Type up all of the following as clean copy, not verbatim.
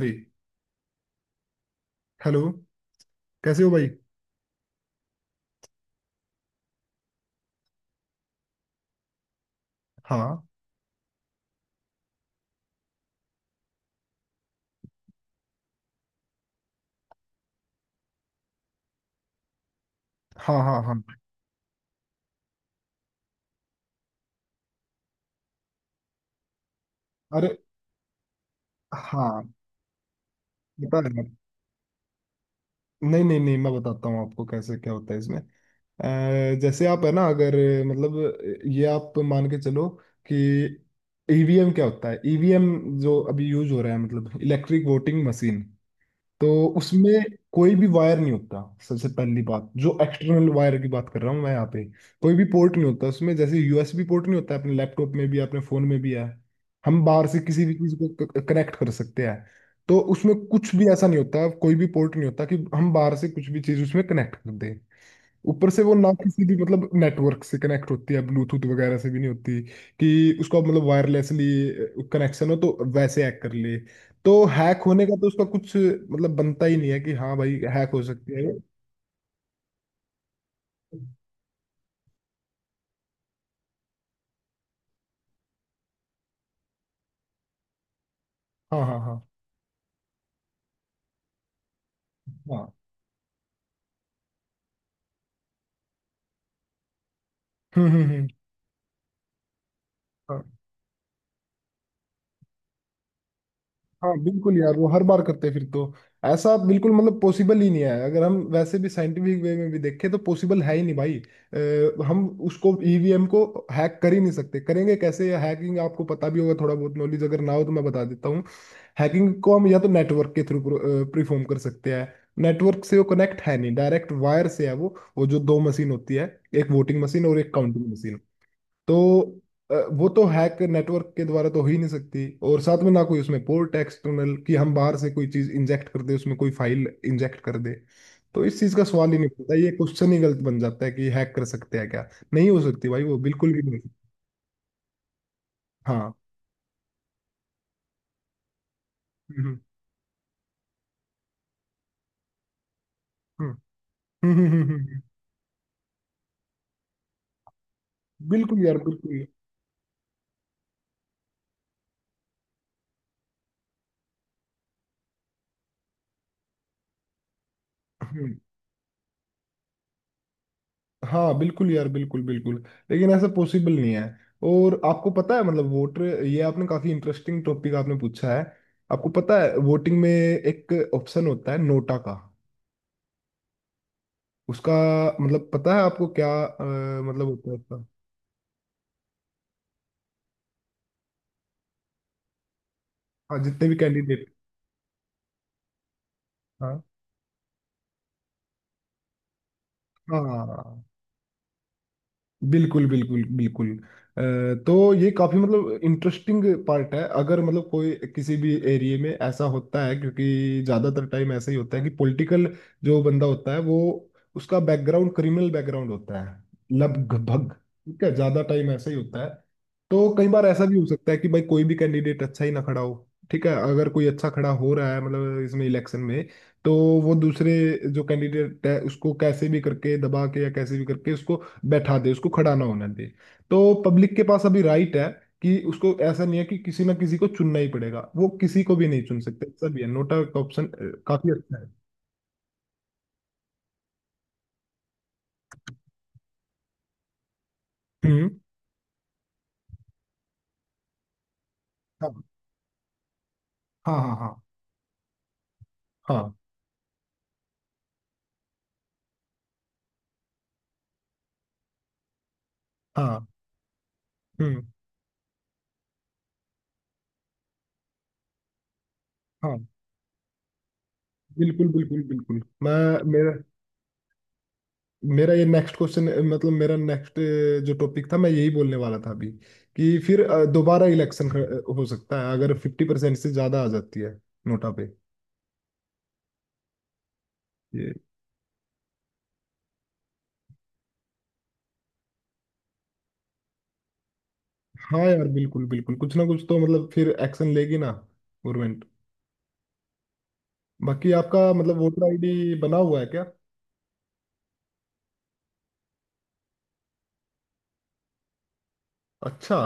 भाई, हेलो। कैसे हो भाई। हाँ, हाँ, हाँ, हाँ, अरे हाँ, बता रहे हैं। नहीं नहीं नहीं, मैं बताता हूँ आपको कैसे क्या होता है इसमें। जैसे आप है ना, अगर मतलब ये आप मान के चलो कि ईवीएम क्या होता है। ईवीएम जो अभी यूज हो रहा है मतलब इलेक्ट्रिक वोटिंग मशीन, तो उसमें कोई भी वायर नहीं होता। सबसे पहली बात, जो एक्सटर्नल वायर की बात कर रहा हूँ मैं यहाँ पे, कोई भी पोर्ट नहीं होता उसमें। जैसे यूएसबी पोर्ट नहीं होता, अपने लैपटॉप में भी अपने फोन में भी है, हम बाहर से किसी भी चीज को कनेक्ट कर सकते हैं। तो उसमें कुछ भी ऐसा नहीं होता, कोई भी पोर्ट नहीं होता कि हम बाहर से कुछ भी चीज उसमें कनेक्ट कर दें। ऊपर से वो ना किसी भी मतलब नेटवर्क से कनेक्ट होती है, ब्लूटूथ वगैरह से भी नहीं होती कि उसको मतलब वायरलेसली कनेक्शन हो तो वैसे हैक कर ले। तो हैक होने का तो उसका कुछ मतलब बनता ही नहीं है कि हाँ भाई हैक हो सकती है। हाँ, हाँ, हाँ, हाँ, हम्म, हम्म, हम्म। हाँ। हाँ बिल्कुल यार, वो हर बार करते हैं फिर तो। ऐसा बिल्कुल मतलब पॉसिबल ही नहीं है, अगर हम वैसे भी साइंटिफिक वे में भी देखें तो पॉसिबल है ही नहीं भाई। हम उसको ईवीएम को हैक कर ही नहीं सकते। करेंगे कैसे? हैकिंग आपको पता भी होगा, थोड़ा बहुत नॉलेज अगर ना हो तो मैं बता देता हूँ। हैकिंग को हम या तो नेटवर्क के थ्रू परफॉर्म कर सकते हैं। नेटवर्क से वो कनेक्ट है नहीं, डायरेक्ट वायर से है वो। वो जो दो मशीन होती है, एक वोटिंग मशीन और एक काउंटिंग मशीन, तो वो तो हैक नेटवर्क के द्वारा तो हो ही नहीं सकती। और साथ में ना कोई उसमें पोर्ट एक्सटर्नल कि हम बाहर से कोई चीज इंजेक्ट कर दे, उसमें कोई फाइल इंजेक्ट कर दे। तो इस चीज का सवाल ही नहीं उठता, ये क्वेश्चन ही गलत बन जाता है कि हैक कर सकते हैं क्या। नहीं हो सकती भाई, वो बिल्कुल भी नहीं। हाँ, हम्म, हम्म, हम्म, बिल्कुल यार बिल्कुल। हम्म। हाँ बिल्कुल यार, बिल्कुल बिल्कुल। लेकिन ऐसा पॉसिबल नहीं है। और आपको पता है मतलब वोटर, ये आपने काफी इंटरेस्टिंग टॉपिक आपने पूछा है। आपको पता है वोटिंग में एक ऑप्शन होता है नोटा का, उसका मतलब पता है आपको क्या? मतलब होता है उसका। हाँ, जितने भी कैंडिडेट। हाँ, हाँ, हाँ, हाँ, हाँ। बिल्कुल बिल्कुल बिल्कुल। अ, तो ये काफी मतलब इंटरेस्टिंग पार्ट है। अगर मतलब कोई किसी भी एरिया में ऐसा होता है, क्योंकि ज्यादातर टाइम ऐसा ही होता है कि पॉलिटिकल जो बंदा होता है, वो उसका बैकग्राउंड क्रिमिनल बैकग्राउंड होता है लगभग। ठीक है, ज्यादा टाइम ऐसा ही होता है। तो कई बार ऐसा भी हो सकता है कि भाई कोई भी कैंडिडेट अच्छा ही ना खड़ा हो। ठीक है, अगर कोई अच्छा खड़ा हो रहा है मतलब इसमें इलेक्शन में, तो वो दूसरे जो कैंडिडेट है उसको कैसे भी करके दबा के या कैसे भी करके उसको बैठा दे, उसको खड़ा ना होने दे। तो पब्लिक के पास अभी राइट है कि उसको ऐसा नहीं है कि किसी ना किसी को चुनना ही पड़ेगा, वो किसी को भी नहीं चुन सकते, ऐसा भी है नोटा का ऑप्शन। काफी अच्छा है। हम्म, हाँ, हाँ, हाँ, हाँ, हाँ, हाँ, हम्म, हाँ बिल्कुल बिल्कुल बिल्कुल। मैं मेरा मेरा ये नेक्स्ट क्वेश्चन, मतलब मेरा नेक्स्ट जो टॉपिक था मैं यही बोलने वाला था अभी, कि फिर दोबारा इलेक्शन हो सकता है अगर 50% से ज्यादा आ जाती है नोटा पे। हाँ यार बिल्कुल बिल्कुल, कुछ ना कुछ तो मतलब फिर एक्शन लेगी ना गवर्नमेंट। बाकी आपका मतलब वोटर आईडी बना हुआ है क्या? अच्छा।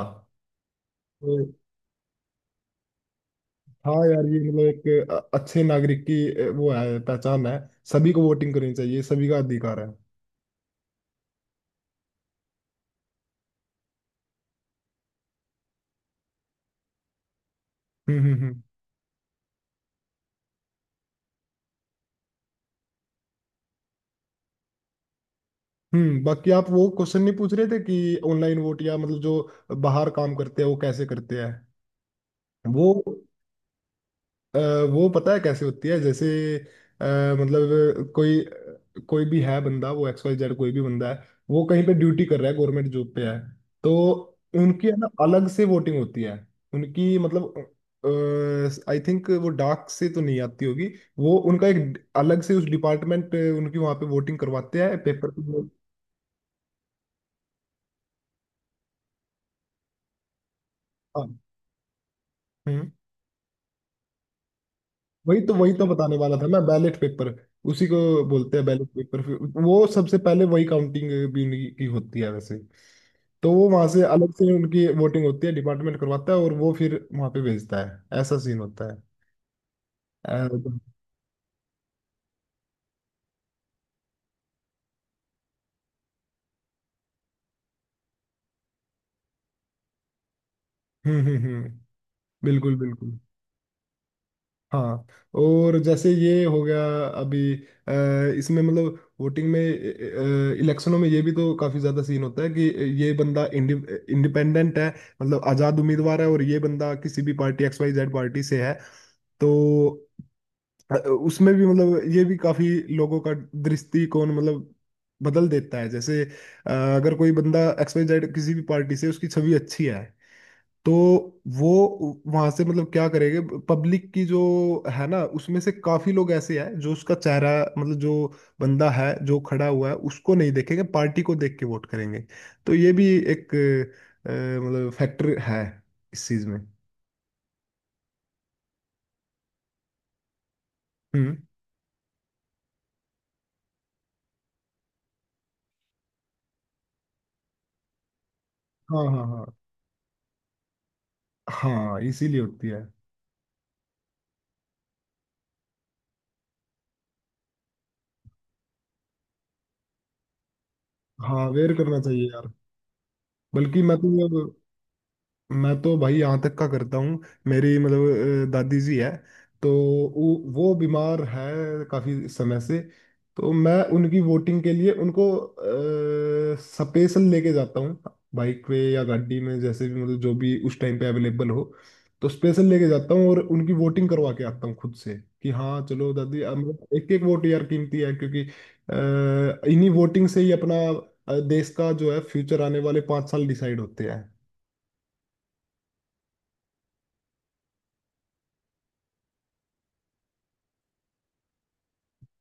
तो हाँ यार, ये मतलब एक अच्छे नागरिक की वो है, पहचान है। सभी को वोटिंग करनी चाहिए, सभी का अधिकार है। हम्म, हम्म, हम्म, बाकी आप वो क्वेश्चन नहीं पूछ रहे थे कि ऑनलाइन वोट, या मतलब जो बाहर काम करते हैं वो कैसे करते हैं वो? अ, वो पता है कैसे होती है। जैसे अ, मतलब कोई, कोई भी है बंदा, वो एक्स वाई जेड कोई भी बंदा है वो कहीं पे ड्यूटी कर रहा है, गवर्नमेंट जॉब पे है, तो उनकी है ना अलग से वोटिंग होती है। उनकी मतलब आई थिंक वो डाक से तो नहीं आती होगी, वो उनका एक अलग से उस डिपार्टमेंट उनकी वहां पे वोटिंग करवाते हैं पेपर की। हाँ, हम्म, वही तो बताने वाला था मैं, बैलेट पेपर। उसी को बोलते हैं बैलेट पेपर फिर। वो सबसे पहले वही काउंटिंग भी उन्हीं की होती है वैसे। तो वो वहां से अलग से उनकी वोटिंग होती है, डिपार्टमेंट करवाता है, और वो फिर वहां पे भेजता है, ऐसा सीन होता है। हम्म। हम्म, हम्म, बिल्कुल बिल्कुल। हाँ, और जैसे ये हो गया अभी, इसमें मतलब वोटिंग में इलेक्शनों में ये भी तो काफी ज्यादा सीन होता है कि ये बंदा इंडिपेंडेंट है, मतलब आजाद उम्मीदवार है, और ये बंदा किसी भी party X Y Z party से है। तो उसमें भी मतलब ये भी काफी लोगों का दृष्टिकोण मतलब बदल देता है। जैसे अगर कोई बंदा एक्स वाई जेड किसी भी पार्टी से, उसकी छवि अच्छी है, तो वो वहां से मतलब क्या करेंगे, पब्लिक की जो है ना उसमें से काफी लोग ऐसे हैं जो उसका चेहरा, मतलब जो बंदा है जो खड़ा हुआ है उसको नहीं देखेंगे, पार्टी को देख के वोट करेंगे। तो ये भी एक मतलब फैक्टर है इस चीज में। हम्म, हाँ, हाँ, हाँ, हाँ, इसीलिए होती है। हाँ, अवेयर करना चाहिए यार। बल्कि मैं तो ये, मैं तो भाई यहाँ तक का करता हूँ, मेरी मतलब दादी जी है, तो वो बीमार है काफी समय से। तो मैं उनकी वोटिंग के लिए उनको स्पेशल लेके जाता हूँ, बाइक पे या गाड़ी में जैसे भी मतलब जो भी उस टाइम पे अवेलेबल हो। तो स्पेशल लेके जाता हूँ और उनकी वोटिंग करवा के आता हूँ खुद से, कि हाँ चलो दादी अब। एक एक वोट यार कीमती है, क्योंकि इन्हीं वोटिंग से ही अपना देश का जो है फ्यूचर आने वाले 5 साल डिसाइड होते हैं।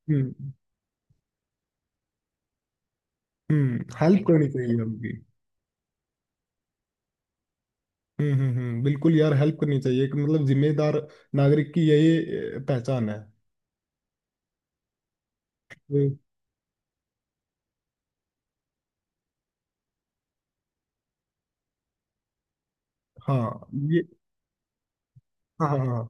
हम्म, हम्म, हेल्प करनी चाहिए उनकी। हम्म, हम्म, हम्म, बिल्कुल यार, हेल्प करनी चाहिए। एक मतलब जिम्मेदार नागरिक की यही पहचान है। ये- हाँ, ये, हाँ, हाँ, हाँ,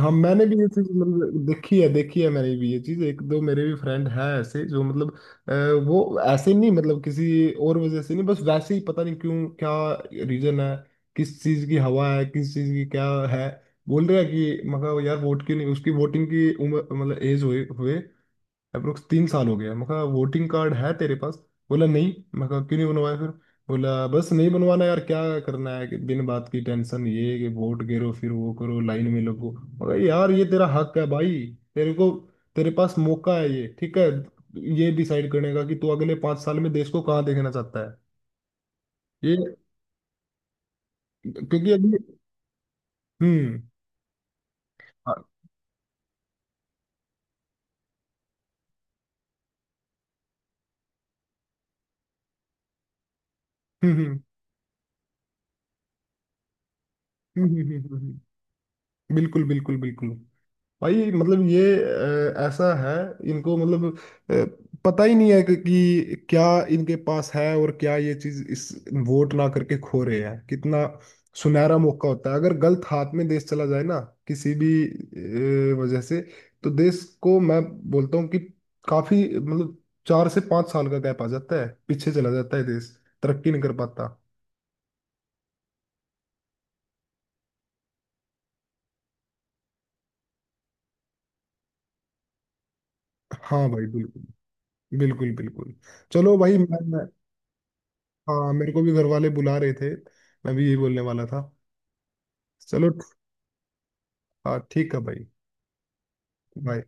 हाँ, मैंने भी ये चीज मतलब देखी है। देखी है मैंने भी ये चीज, एक दो मेरे भी फ्रेंड हैं ऐसे जो मतलब अ, वो ऐसे नहीं, मतलब किसी और वजह से नहीं, बस वैसे ही पता नहीं क्यों, क्या रीजन है, किस चीज की हवा है, किस चीज की क्या है, बोल रहे हैं कि मगर यार वोट क्यों नहीं। उसकी वोटिंग की उम्र मतलब एज हुए हुए अप्रोक्स 3 साल हो गया। मैं कहा वोटिंग कार्ड है तेरे पास, बोला नहीं। मैं कहा क्यों नहीं बनवाया फिर? बोला बस नहीं बनवाना यार, क्या करना है कि बिन बात की टेंशन, ये कि वोट गिरो फिर वो करो, लाइन में लगो। मैं कहा यार ये तेरा हक है भाई, तेरे को तेरे पास मौका है ये। ठीक है, ये डिसाइड करने का कि तू अगले 5 साल में देश को कहाँ देखना चाहता है। ये क्योंकि अभी हम्म, हाँ, हम्म, हम्म, हम्म, बिल्कुल बिल्कुल बिल्कुल। भाई मतलब ये ऐसा है, इनको मतलब अ, पता ही नहीं है कि क्या इनके पास है, और क्या ये चीज इस वोट ना करके खो रहे हैं। कितना सुनहरा मौका होता है, अगर गलत हाथ में देश चला जाए ना किसी भी वजह से, तो देश को मैं बोलता हूँ कि काफी मतलब 4 से 5 साल का गैप आ जाता है, पीछे चला जाता है देश, तरक्की नहीं कर पाता। हाँ भाई बिल्कुल बिल्कुल बिल्कुल। चलो भाई, मैं हाँ मेरे को भी घर वाले बुला रहे थे, मैं भी यही बोलने वाला था। चलो, हाँ ठीक है भाई, बाय।